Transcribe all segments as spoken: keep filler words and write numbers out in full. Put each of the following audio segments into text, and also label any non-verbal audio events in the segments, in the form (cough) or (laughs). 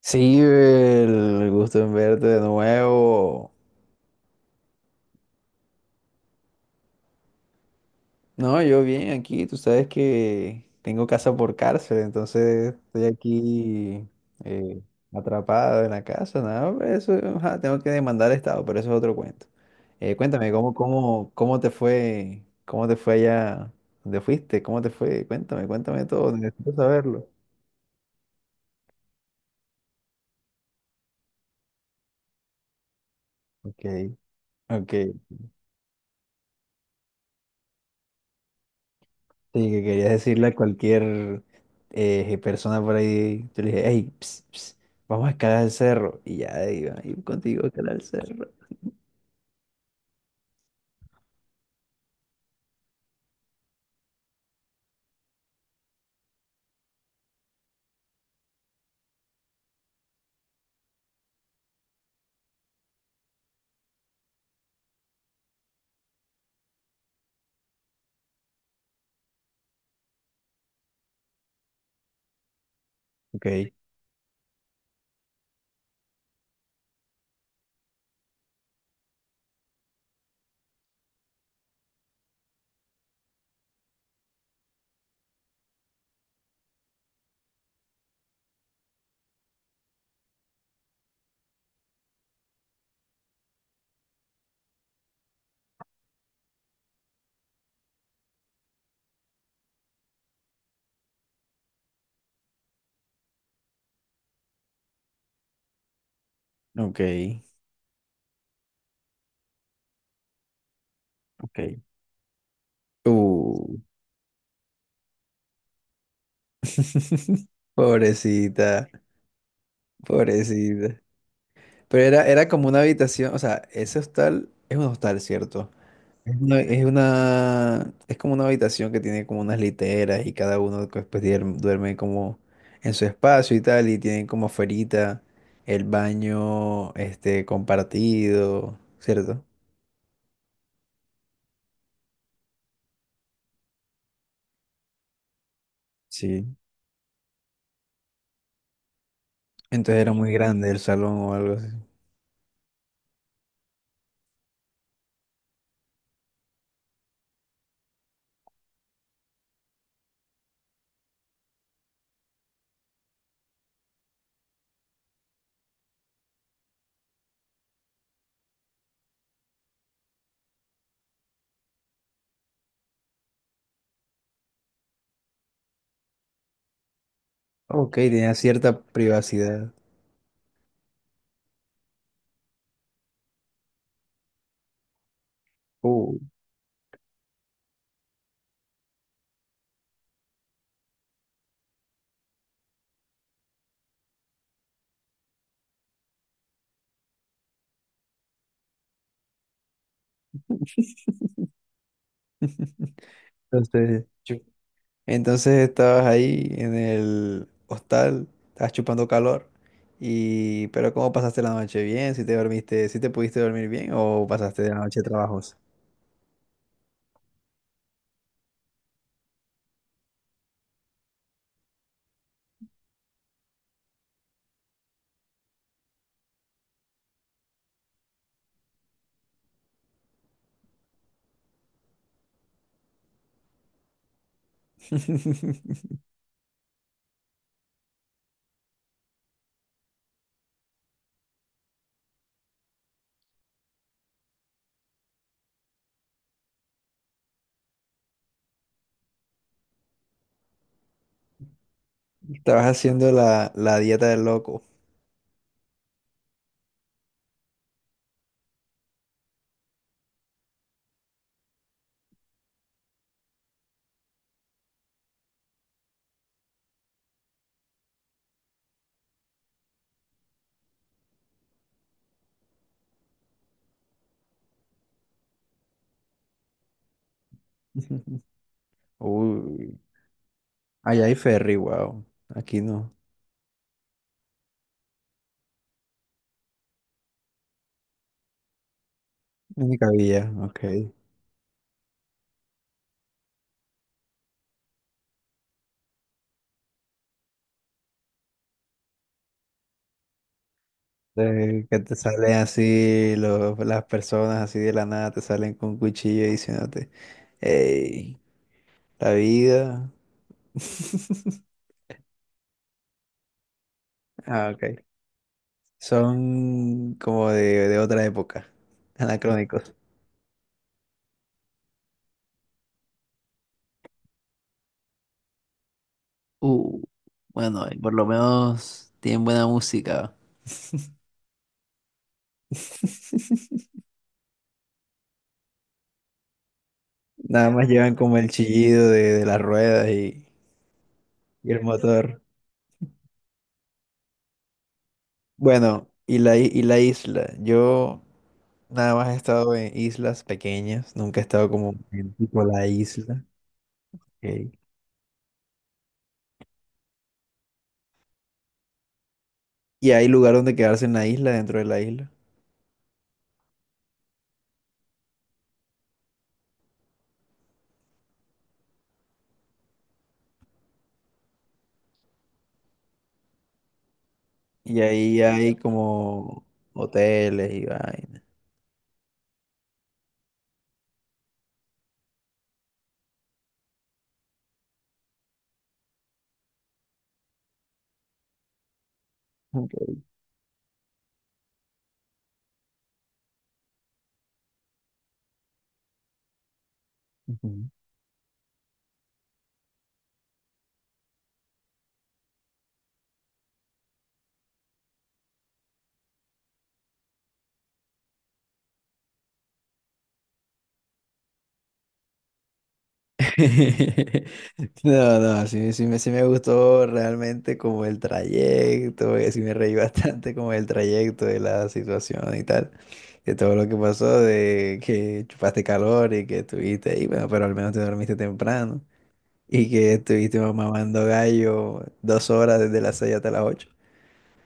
Sí, el gusto en verte de nuevo. No, yo bien aquí, tú sabes que tengo casa por cárcel, entonces estoy aquí eh, atrapado en la casa, nada, pero eso, ajá, tengo que demandar al Estado, pero eso es otro cuento. Eh, cuéntame, ¿cómo, cómo, cómo te fue, cómo te fue allá donde fuiste? ¿Cómo te fue? Cuéntame, cuéntame todo, necesito saberlo. Ok, ok. Sí, que quería decirle a cualquier eh, persona por ahí, yo le dije, hey, ps, ps, vamos a escalar el cerro. Y ya iba a ir contigo a escalar el cerro. Ok, ok, ok. Uh. (laughs) Pobrecita, pobrecita. Pero era, era como una habitación, o sea, ese hostal es un hostal, ¿cierto? Es una, es una- es como una habitación que tiene como unas literas y cada uno después duerme como en su espacio y tal, y tienen como afuerita el baño este compartido, ¿cierto? Sí. Entonces era muy grande el salón o algo así. Ok, tenía cierta privacidad. Uh, entonces. Entonces estabas ahí en el hostal, estabas chupando calor. Y, pero ¿cómo pasaste la noche? ¿Bien? ¿Si te dormiste, si te pudiste dormir bien o pasaste la noche trabajos? (laughs) Estabas haciendo la, la dieta del loco. (laughs) Uy, allá hay ferry, wow. Aquí no. En mi Cabilla, ok. Eh, que te salen así los, las personas así de la nada, te salen con cuchillo y diciéndote, hey, la vida. (laughs) Ah, ok. Son como de, de otra época, (laughs) anacrónicos. Uh, bueno, eh, por lo menos tienen buena música. (laughs) Nada más llevan como el chillido de, de las ruedas y, y el motor. Bueno, y la, i- y la isla. Yo nada más he estado en islas pequeñas, nunca he estado como en tipo la isla. Ok. Y hay lugar donde quedarse en la isla, dentro de la isla. Y ahí hay como hoteles y vainas. Ok. (laughs) No, no, sí, sí, me, sí me gustó realmente como el trayecto, eh, sí me reí (laughs) bastante como el trayecto de la situación y tal, de todo lo que pasó, de que chupaste calor y que estuviste ahí, bueno, pero al menos te dormiste temprano y que estuviste mamando gallo dos horas desde las seis hasta las ocho.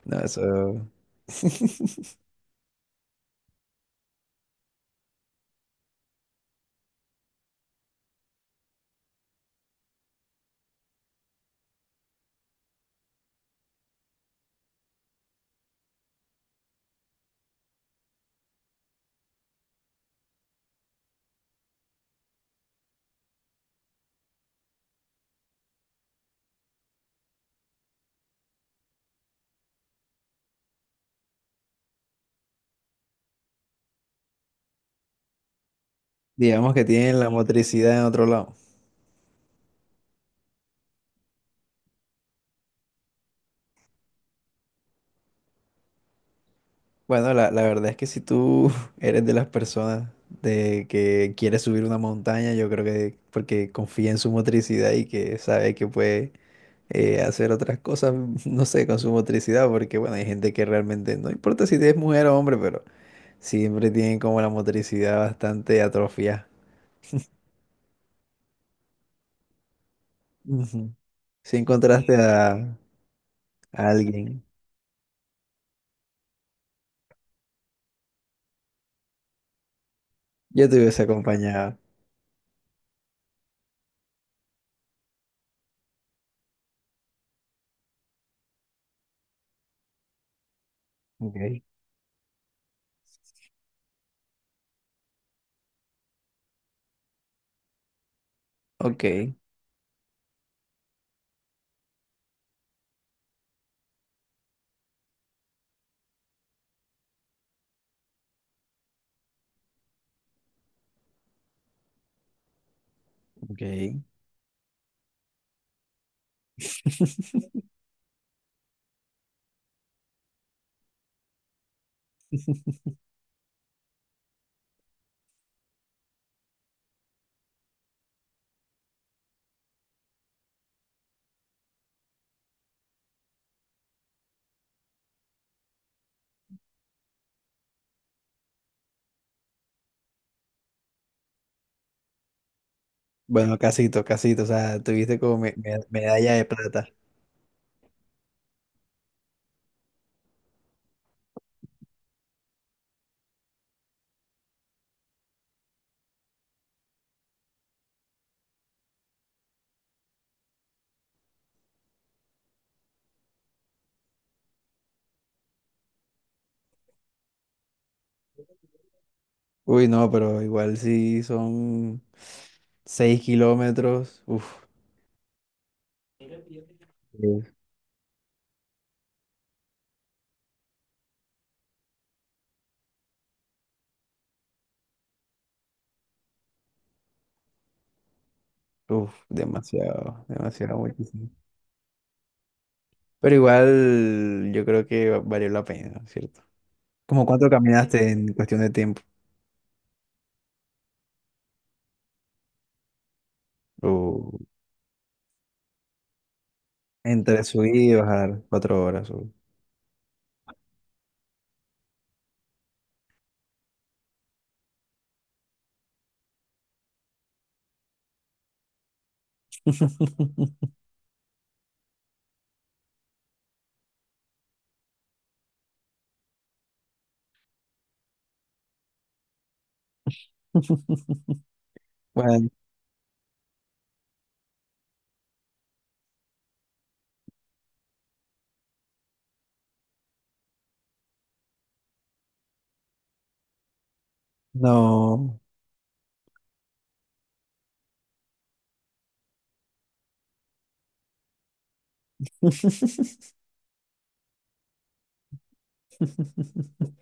No, eso, (laughs) digamos que tienen la motricidad en otro lado. Bueno, la, la verdad es que si tú (laughs) eres de las personas de que quiere subir una montaña, yo creo que porque confía en su motricidad y que sabe que puede eh, hacer otras cosas, (laughs) no sé, con su motricidad, porque bueno, hay gente que realmente no importa si es mujer o hombre, pero siempre tienen como la motricidad bastante atrofiada. Ujú. Si encontraste a, a alguien, yo te hubiese acompañado. Ok, ok, ok. Bueno, casito, casito, o sea, tuviste como me- me- medalla de plata. Uy, no, pero igual sí son seis kilómetros. Uf, es- uf, demasiado, demasiado, muchísimo. Pero igual yo creo que va- valió la pena, ¿cierto? ¿Cómo cuánto caminaste en cuestión de tiempo? O entre subir y bajar, cuatro horas. O- (laughs) Bueno, no. (laughs)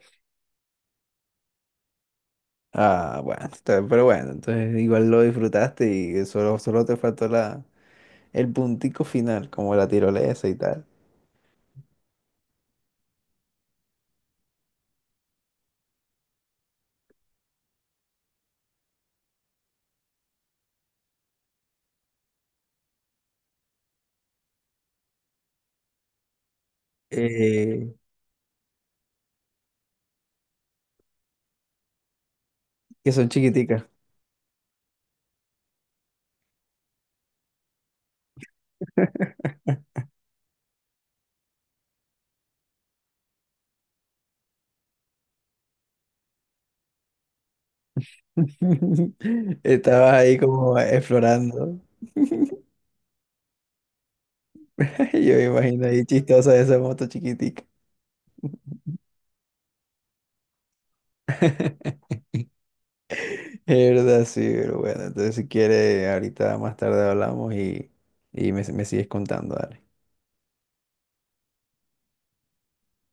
Ah, bueno, está- pero bueno, entonces igual lo disfrutaste y solo, solo te faltó la, el puntico final, como la tirolesa y tal, eh, que son chiquiticas. (laughs) Estabas ahí como explorando. (laughs) Yo me imagino ahí chistosa esa moto chiquitica. (laughs) Es verdad, sí, pero bueno, entonces si quieres, ahorita más tarde hablamos y, y me, me sigues contando, dale.